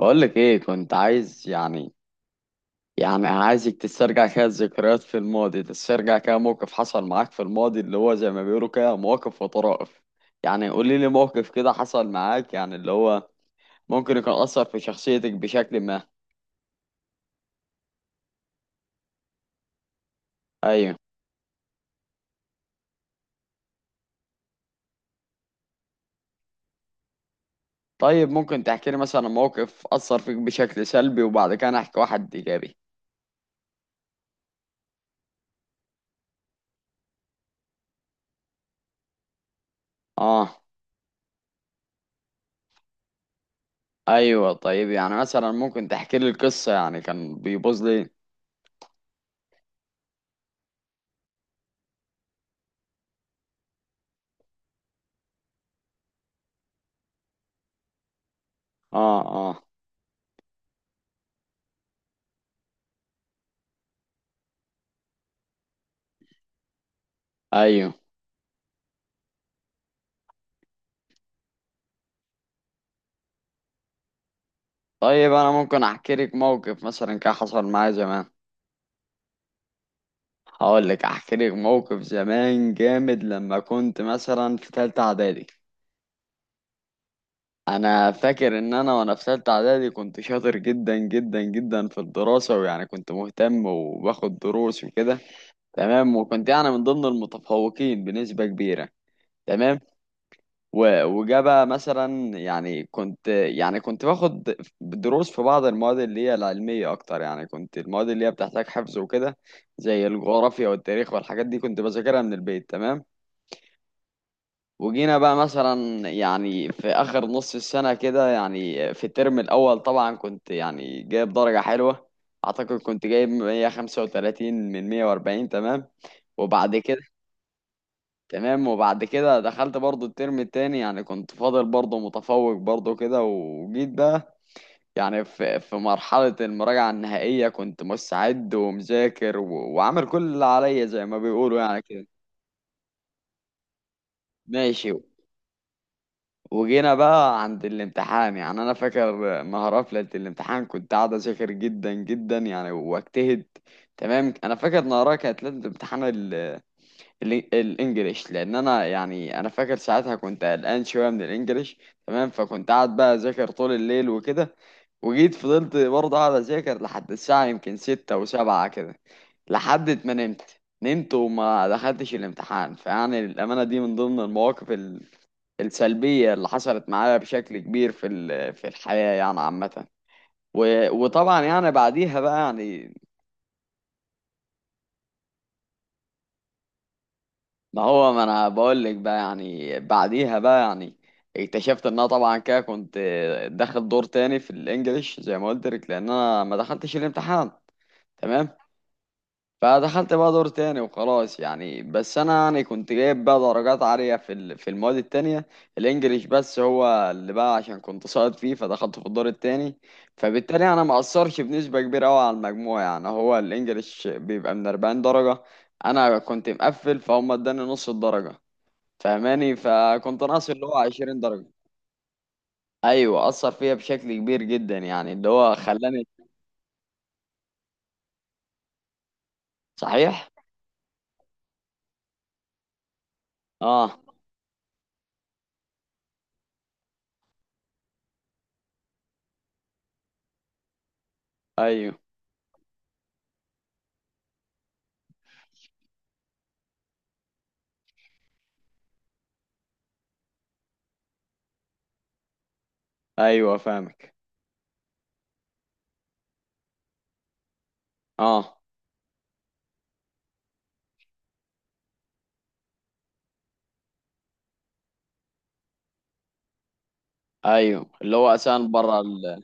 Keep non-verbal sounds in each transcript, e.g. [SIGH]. بقول لك ايه كنت عايز يعني عايزك تسترجع كده الذكريات في الماضي، تسترجع كده موقف حصل معاك في الماضي اللي هو زي ما بيقولوا كده، مواقف وطرائف. يعني قولي لي موقف كده حصل معاك يعني اللي هو ممكن يكون أثر في شخصيتك بشكل ما. ايوه. طيب، ممكن تحكي لي مثلا موقف أثر فيك بشكل سلبي وبعد كده أنا احكي واحد ايجابي؟ اه. ايوه طيب يعني مثلا ممكن تحكي لي القصة يعني كان بيبوظ لي. اه. اه. ايوه. طيب انا ممكن احكي لك موقف مثلا كان حصل معايا زمان. هقول لك احكي لك موقف زمان جامد، لما كنت مثلا في ثالثه اعدادي. انا فاكر ان انا وانا في ثالثه اعدادي كنت شاطر جدا جدا جدا في الدراسه، ويعني كنت مهتم وباخد دروس وكده. تمام، وكنت يعني من ضمن المتفوقين بنسبه كبيره. تمام. وجا بقى مثلا يعني كنت باخد دروس في بعض المواد اللي هي العلمية أكتر، يعني كنت المواد اللي هي بتحتاج حفظ وكده، زي الجغرافيا والتاريخ والحاجات دي كنت بذاكرها من البيت. تمام. وجينا بقى مثلا يعني في آخر نص السنة كده، يعني في الترم الأول طبعا كنت يعني جايب درجة حلوة. أعتقد كنت جايب 135 من 140. تمام، وبعد كده. تمام، وبعد كده دخلت برضو الترم التاني، يعني كنت فاضل برضو متفوق برضو كده. وجيت بقى يعني في مرحلة المراجعة النهائية كنت مستعد ومذاكر وعامل كل اللي عليا زي ما بيقولوا يعني كده. ماشي. وجينا بقى عند الامتحان. يعني انا فاكر نهار قفلة الامتحان كنت قاعد اذاكر جدا جدا يعني، واجتهد. تمام. انا فاكر نهارها كانت ليلة امتحان الانجليش، لان انا يعني انا فاكر ساعتها كنت قلقان شويه من الانجليش. تمام، فكنت قاعد بقى اذاكر طول الليل وكده. وجيت فضلت برضه قاعد اذاكر لحد الساعه يمكن ستة وسبعة كده، لحد ما نمت. نمت وما دخلتش الامتحان. فيعني الامانه دي من ضمن المواقف السلبيه اللي حصلت معايا بشكل كبير في في الحياه يعني عامه. وطبعا يعني بعديها بقى يعني. ما هو ما انا بقول لك بقى، يعني بعديها بقى يعني اكتشفت ان انا طبعا كده كنت داخل دور تاني في الانجليش، زي ما قلت لك، لان انا ما دخلتش الامتحان. تمام. فدخلت بقى دور تاني وخلاص، يعني بس انا يعني كنت جايب بقى درجات عالية في في المواد التانية. الانجليش بس هو اللي بقى، عشان كنت ساقط فيه فدخلت في الدور التاني. فبالتالي انا ما اثرش بنسبة كبيرة قوي على المجموع. يعني هو الانجليش بيبقى من 40 درجة، انا كنت مقفل، فهم اداني نص الدرجة، فاهماني، فكنت ناقص اللي هو 20 درجة. ايوه اثر فيا بشكل كبير جدا، يعني اللي هو خلاني. صحيح. اه. ايوه ايوه فاهمك. اه، ايوه اللي هو اسان بره ال...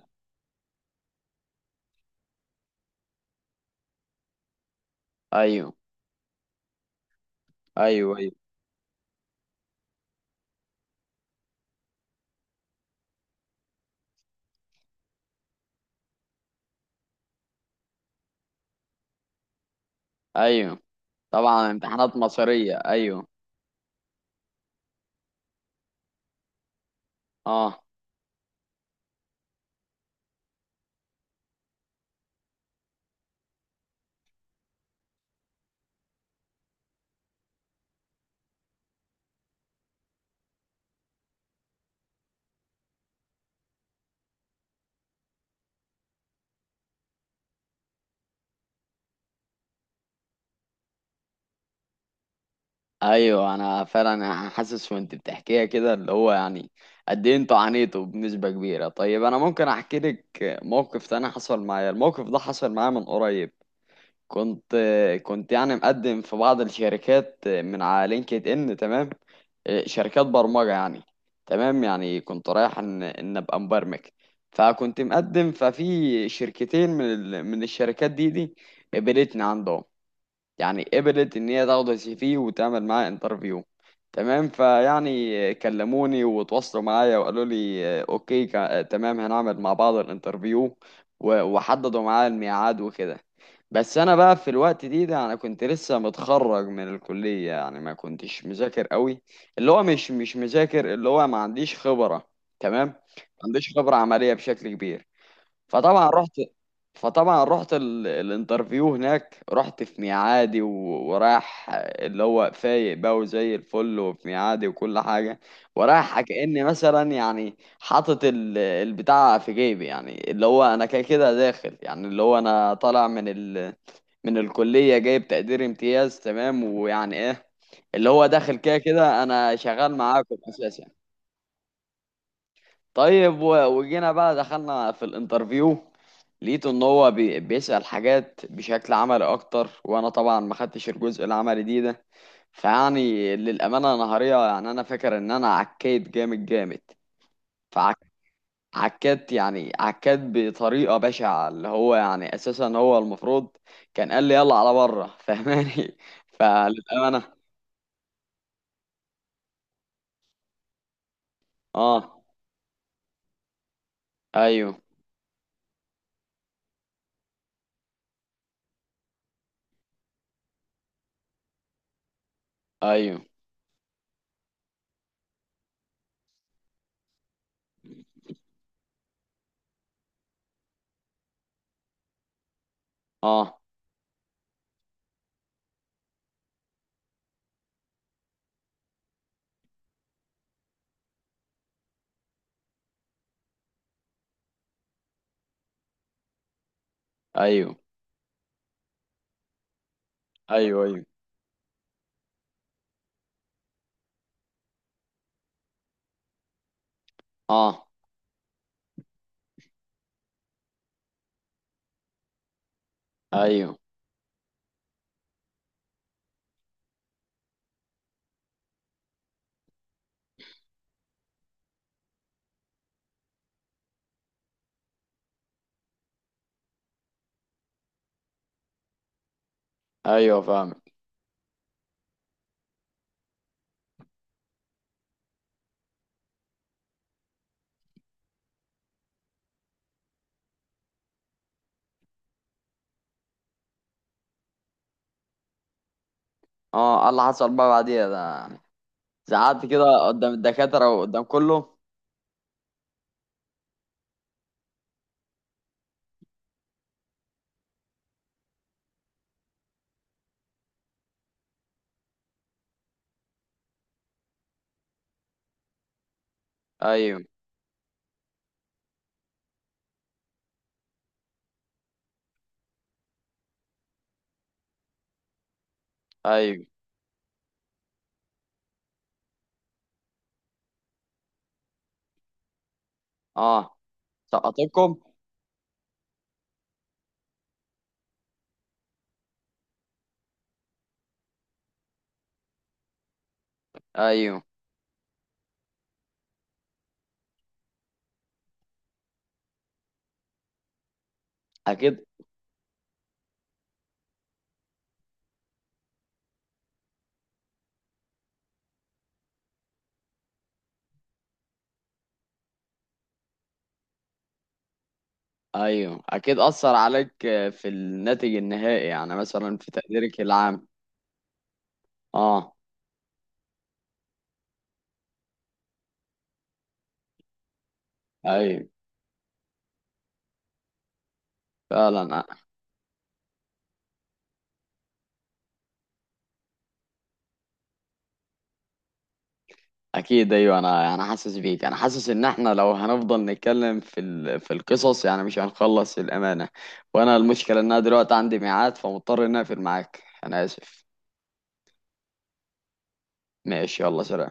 ايوه ايوه. ايوه ايوه. طبعا امتحانات مصيرية، ايوه. اه. ايوه، انا فعلا حاسس وانت بتحكيها كده اللي هو يعني قد ايه انتوا عانيتوا بنسبة كبيرة. طيب انا ممكن احكي لك موقف تاني حصل معايا. الموقف ده حصل معايا من قريب. كنت كنت يعني مقدم في بعض الشركات من على لينكد ان. تمام، شركات برمجة يعني. تمام، يعني كنت رايح ان ابقى مبرمج. فكنت مقدم ففي شركتين من الشركات دي. قبلتني عندهم، يعني قبلت ان هي تاخد السي في وتعمل معاه انترفيو. تمام. فيعني كلموني وتواصلوا معايا وقالوا لي اوكي، تمام، هنعمل مع بعض الانترفيو وحددوا معايا الميعاد وكده. بس انا بقى في الوقت ده انا كنت لسه متخرج من الكلية، يعني ما كنتش مذاكر قوي. اللي هو مش مذاكر، اللي هو ما عنديش خبرة. تمام، ما عنديش خبرة عملية بشكل كبير. فطبعا رحت فطبعا رحت الانترفيو هناك. رحت في ميعادي، و... ورايح اللي هو فايق بقى وزي الفل وفي ميعادي وكل حاجة. ورايح كأني مثلا يعني حاطط البتاع في جيبي. يعني اللي هو انا كده كده داخل، يعني اللي هو انا طالع من الكلية جايب تقدير امتياز. تمام، ويعني ايه، اللي هو داخل كده كده انا شغال معاكم اساسا. طيب وجينا بقى دخلنا في الانترفيو. لقيته ان هو بيسأل حاجات بشكل عملي اكتر، وانا طبعا ما خدتش الجزء العملي ده. فيعني للامانه نهاريه يعني انا فاكر ان انا عكيت جامد جامد. فعكيت يعني عكيت بطريقه بشعه، اللي هو يعني اساسا هو المفروض كان قال لي يلا على بره [LAUGHS] فاهماني. فللامانه. اه ايوه ايوه. اه ايوه ايوه. ايوه. اه ايوه ايوه فاهم. اه، قال اللي حصل بقى بعديها ده زعلت كده قدام الدكاترة وقدام كله. ايوه ايوه. اه. سقطتكم. ايوه اكيد. ايوه اكيد اثر عليك في الناتج النهائي، يعني مثلا في تقديرك العام. اه ايوه فعلا اكيد. ايوه، انا حاسس بيك. انا حاسس ان احنا لو هنفضل نتكلم في في القصص يعني مش هنخلص الامانه. وانا المشكله ان انا دلوقتي عندي ميعاد فمضطر ان اقفل معاك. انا اسف. ماشي يلا سلام.